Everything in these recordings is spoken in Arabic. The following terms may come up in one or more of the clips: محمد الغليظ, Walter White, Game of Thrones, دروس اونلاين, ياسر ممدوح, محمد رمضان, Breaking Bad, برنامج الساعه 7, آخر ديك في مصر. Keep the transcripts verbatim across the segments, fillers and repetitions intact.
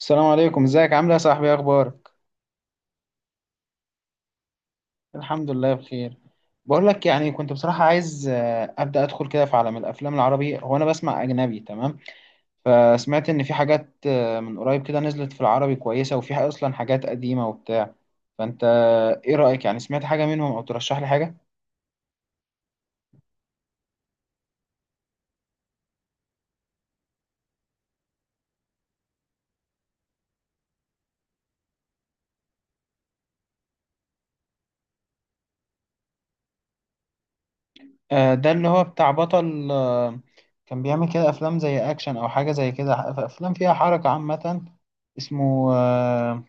السلام عليكم، ازيك، عامل ايه يا صاحبي؟ ايه اخبارك؟ الحمد لله بخير. بقول لك، يعني كنت بصراحة عايز آه، ابدا ادخل كده في عالم الافلام العربي. هو انا بسمع اجنبي، تمام؟ فسمعت ان في حاجات آه، من قريب كده نزلت في العربي كويسة، وفي اصلا حاجات قديمة وبتاع. فانت آه، ايه رأيك؟ يعني سمعت حاجة منهم او ترشح لي حاجة؟ آه، ده اللي هو بتاع بطل آه، كان بيعمل كده افلام زي اكشن او حاجة زي كده، افلام فيها حركة عامة. اسمه آه،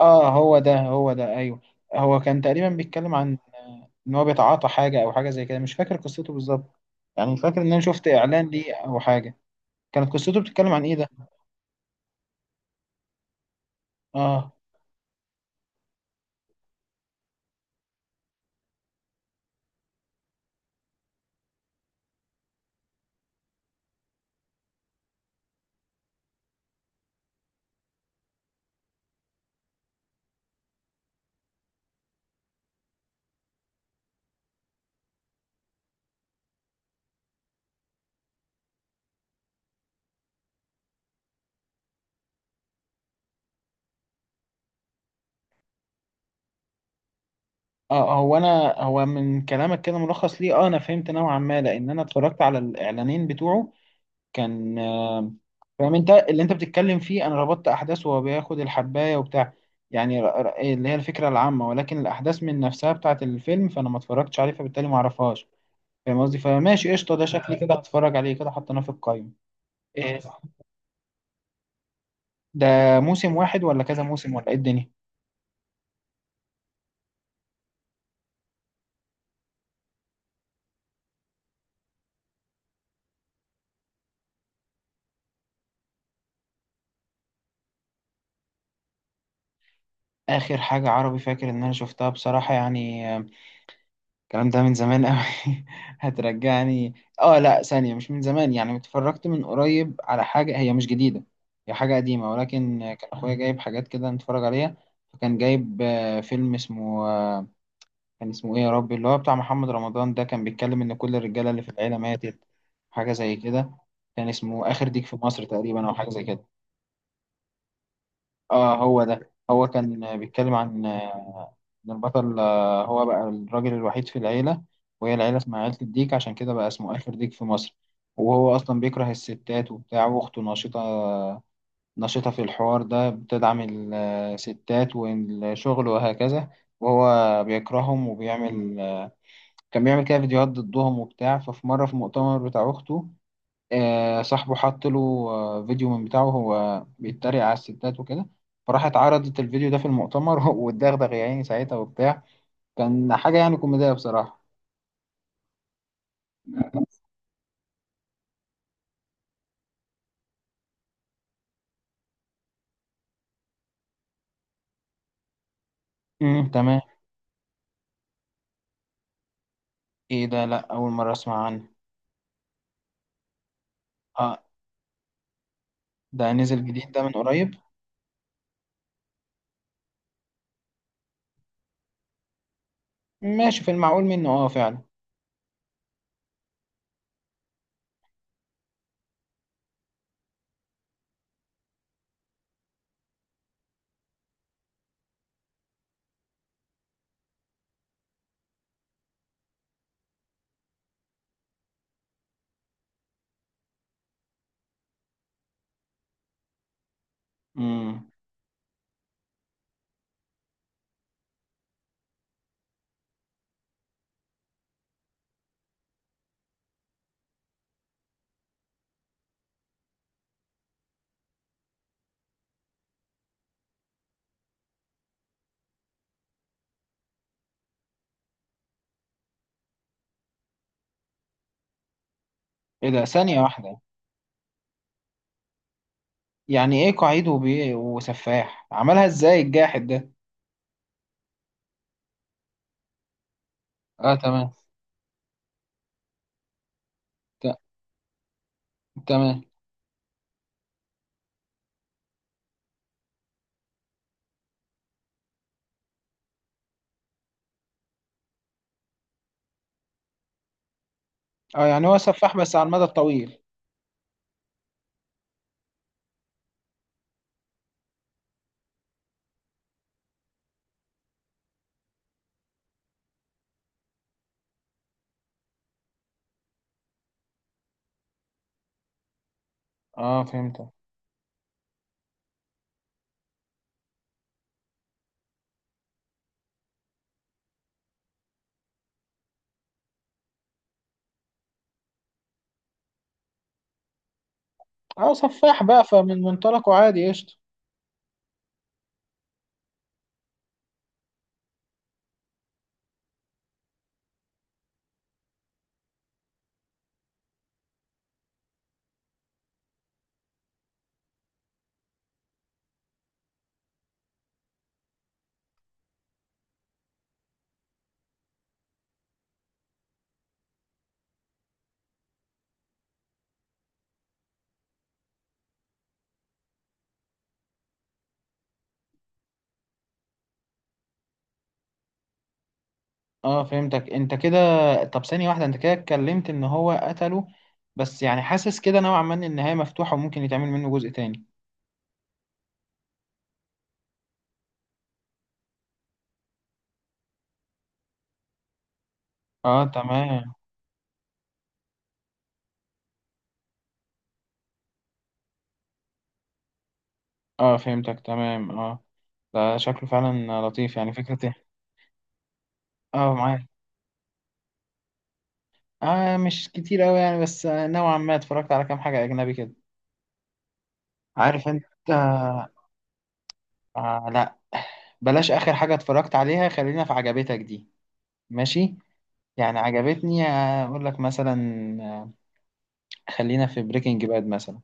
اه، هو ده هو ده، ايوه. هو كان تقريبا بيتكلم عن آه، ان هو بيتعاطى حاجه او حاجه زي كده، مش فاكر قصته بالظبط. يعني فاكر ان انا شفت اعلان ليه او حاجه. كانت قصته بتتكلم عن ايه ده؟ اه. اه، هو انا هو من كلامك كده ملخص ليه، اه انا فهمت نوعا ما، لان انا اتفرجت على الاعلانين بتوعه. كان آه فاهم انت اللي انت بتتكلم فيه. انا ربطت احداث، وهو بياخد الحبايه وبتاع، يعني ر- ر- إيه اللي هي الفكره العامه. ولكن الاحداث من نفسها بتاعت الفيلم فانا ما اتفرجتش عليه، فبالتالي ما اعرفهاش. فاهم قصدي؟ فماشي، قشطة، ده شكلي كده هتفرج عليه، كده حطيناه في القايمة. إيه ده، موسم واحد ولا كذا موسم ولا إيه الدنيا؟ آخر حاجة عربي فاكر إن أنا شفتها بصراحة يعني آه، الكلام ده من زمان أوي. هترجعني. آه لأ، ثانية، مش من زمان. يعني اتفرجت من قريب على حاجة هي مش جديدة، هي حاجة قديمة، ولكن كان أخويا جايب حاجات كده نتفرج عليها. فكان جايب آه، فيلم اسمه آه، كان اسمه ايه يا ربي؟ اللي هو بتاع محمد رمضان ده، كان بيتكلم ان كل الرجاله اللي في العيله ماتت، حاجه زي كده. كان اسمه اخر ديك في مصر تقريبا، او حاجه زي كده. اه، هو ده. هو كان بيتكلم عن آه، ان البطل آه، هو بقى الراجل الوحيد في العيله، وهي العيله اسمها عيله الديك، عشان كده بقى اسمه اخر ديك في مصر. وهو اصلا بيكره الستات وبتاع، واخته نشيطه، نشيطه في الحوار ده، بتدعم الستات والشغل وهكذا. وهو بيكرههم وبيعمل، كان بيعمل كده فيديوهات ضدهم وبتاع. ففي مرة في مؤتمر بتاع أخته، آه صاحبه حط له آه فيديو من بتاعه، وهو بيتريق على الستات وكده. فراح اتعرضت الفيديو ده في المؤتمر، واتدغدغ يا عيني ساعتها وبتاع. كان حاجة يعني كوميدية بصراحة. امم، تمام. ايه ده، لا أول مرة أسمع عنه. اه، ده نزل جديد، ده من قريب؟ ماشي، في المعقول منه، اه فعلا. امم. ايه ده، ثانية واحدة، يعني ايه قعيد وبي... وسفاح؟ عملها ازاي الجاحد ده؟ اه، تمام. ت... تمام. اه، يعني هو سفاح بس على المدى الطويل. اه، فهمتك. اه، سفاح بقى، فمن منطلقه عادي، قشطة. اه، فهمتك انت كده. طب ثانية واحدة، انت كده اتكلمت ان هو قتله، بس يعني حاسس كده نوعا ما ان النهاية مفتوحة وممكن يتعمل منه جزء تاني. اه، تمام. اه فهمتك، تمام، اه. ده شكله فعلا لطيف، يعني فكرة ايه. اه، معاك. اه مش كتير اوي يعني، بس آه، نوعا ما اتفرجت على كام حاجة اجنبي كده. عارف انت، آه آه، لا، بلاش اخر حاجة اتفرجت عليها، خلينا في عجبتك دي. ماشي. يعني عجبتني آه، اقول لك مثلا، آه، خلينا في بريكنج باد مثلا،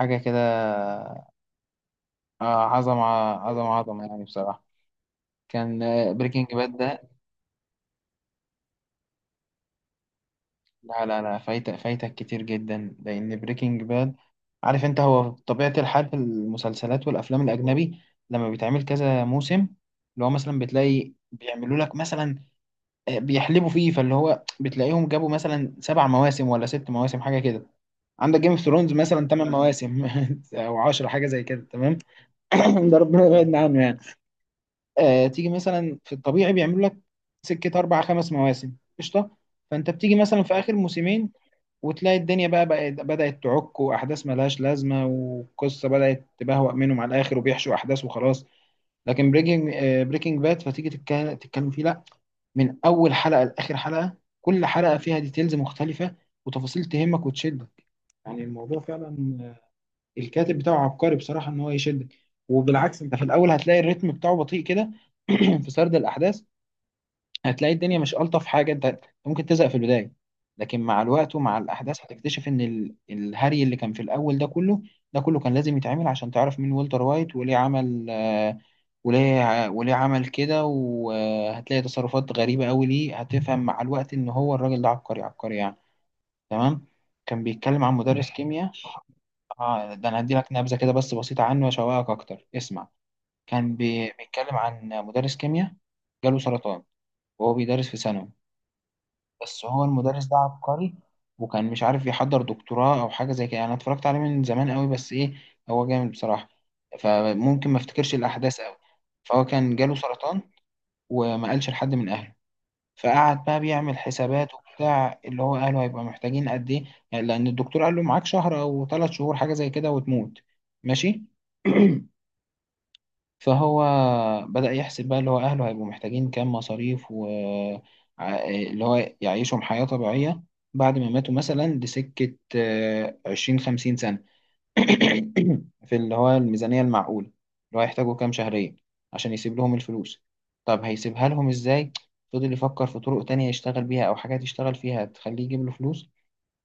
حاجه كده. آه، عظمه، عظمه عظمه يعني بصراحه. كان بريكنج باد ده، لا لا لا، فايتك فايتك كتير جدا، لان بريكنج باد، عارف انت هو طبيعه الحال في المسلسلات والافلام الاجنبي، لما بيتعمل كذا موسم، اللي هو مثلا بتلاقي بيعملوا لك مثلا آه، بيحلبوا فيه. فاللي هو بتلاقيهم جابوا مثلا سبع مواسم ولا ست مواسم حاجه كده. عندك جيم اوف ثرونز مثلا تمن مواسم او عشرة، حاجه زي كده، تمام. ده ربنا يبعدنا عنه يعني. آه تيجي مثلا في الطبيعي بيعملوا لك سكه اربع خمس مواسم، قشطه. فانت بتيجي مثلا في اخر موسمين وتلاقي الدنيا بقى, بقى بدات تعك، واحداث ملهاش لازمه، والقصه بدات تبهوأ منهم على الاخر، وبيحشوا احداث وخلاص. لكن بريكنج آه بريكنج باد، فتيجي تتك- تتكلم فيه، لا، من اول حلقه لاخر حلقه، كل حلقه فيها ديتيلز مختلفه، وتفاصيل تهمك وتشدك. يعني الموضوع فعلا، الكاتب بتاعه عبقري بصراحة، ان هو يشدك. وبالعكس انت في الاول هتلاقي الريتم بتاعه بطيء كده في سرد الاحداث. هتلاقي الدنيا مش الطف حاجة، انت ممكن تزهق في البداية. لكن مع الوقت ومع الاحداث هتكتشف ان ال- الهري اللي كان في الاول ده كله، ده كله كان لازم يتعمل عشان تعرف مين والتر وايت وليه عمل آه، وليه وليه عمل كده. وهتلاقي تصرفات غريبة قوي، ليه هتفهم مع الوقت ان هو الراجل ده عبقري عبقري يعني. تمام. كان بيتكلم عن مدرس كيمياء. اه، ده انا هدي لك نبذه كده بس بسيطه عنه، واشوقك اكتر، اسمع. كان بي... بيتكلم عن مدرس كيمياء، جاله سرطان، وهو بيدرس في ثانوي. بس هو المدرس ده عبقري، وكان مش عارف يحضر دكتوراه او حاجه زي كده، يعني انا اتفرجت عليه من زمان قوي، بس ايه، هو جامد بصراحه، فممكن ما افتكرش الاحداث قوي. فهو كان جاله سرطان، وما قالش لحد من اهله. فقعد بقى بيعمل حسابات وبتاع، اللي هو قاله هيبقى محتاجين قد ايه، يعني لان الدكتور قال له معاك شهر او ثلاث شهور حاجه زي كده وتموت. ماشي. فهو بدأ يحسب بقى اللي هو اهله هيبقوا محتاجين كام مصاريف، و ع- اللي هو يعيشهم حياه طبيعيه بعد ما ماتوا، مثلا لسكه آه، عشرين خمسين سنه، في اللي هو الميزانية المعقولة اللي هو هيحتاجوا كام شهريا، عشان يسيب لهم الفلوس. طب هيسيبها لهم ازاي؟ فضل يفكر في طرق تانية يشتغل بيها، أو حاجات يشتغل فيها تخليه يجيب له فلوس.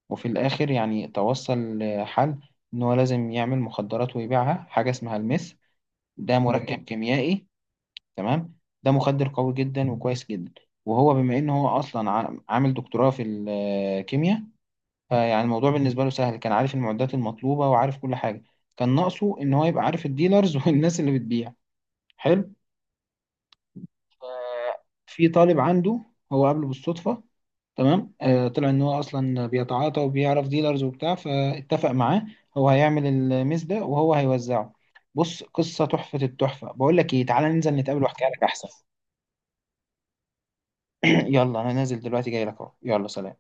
وفي الآخر يعني توصل لحل إن هو لازم يعمل مخدرات ويبيعها، حاجة اسمها الميث، ده مركب كيميائي، تمام؟ ده مخدر قوي جدا وكويس جدا. وهو بما إن هو أصلا عا- عامل دكتوراه في الكيمياء، فيعني الموضوع بالنسبة له سهل، كان عارف المعدات المطلوبة وعارف كل حاجة. كان ناقصه إن هو يبقى عارف الديلرز والناس اللي بتبيع. حلو. آه، في طالب عنده هو قابله بالصدفة، تمام، آه طلع إن هو أصلا بيتعاطى وبيعرف ديلرز وبتاع، فاتفق معاه هو هيعمل الميز ده وهو هيوزعه. بص قصة تحفة، التحفة بقول لك إيه، تعالى ننزل نتقابل وأحكي لك أحسن. يلا، أنا نازل دلوقتي جاي لك أهو، يلا سلام.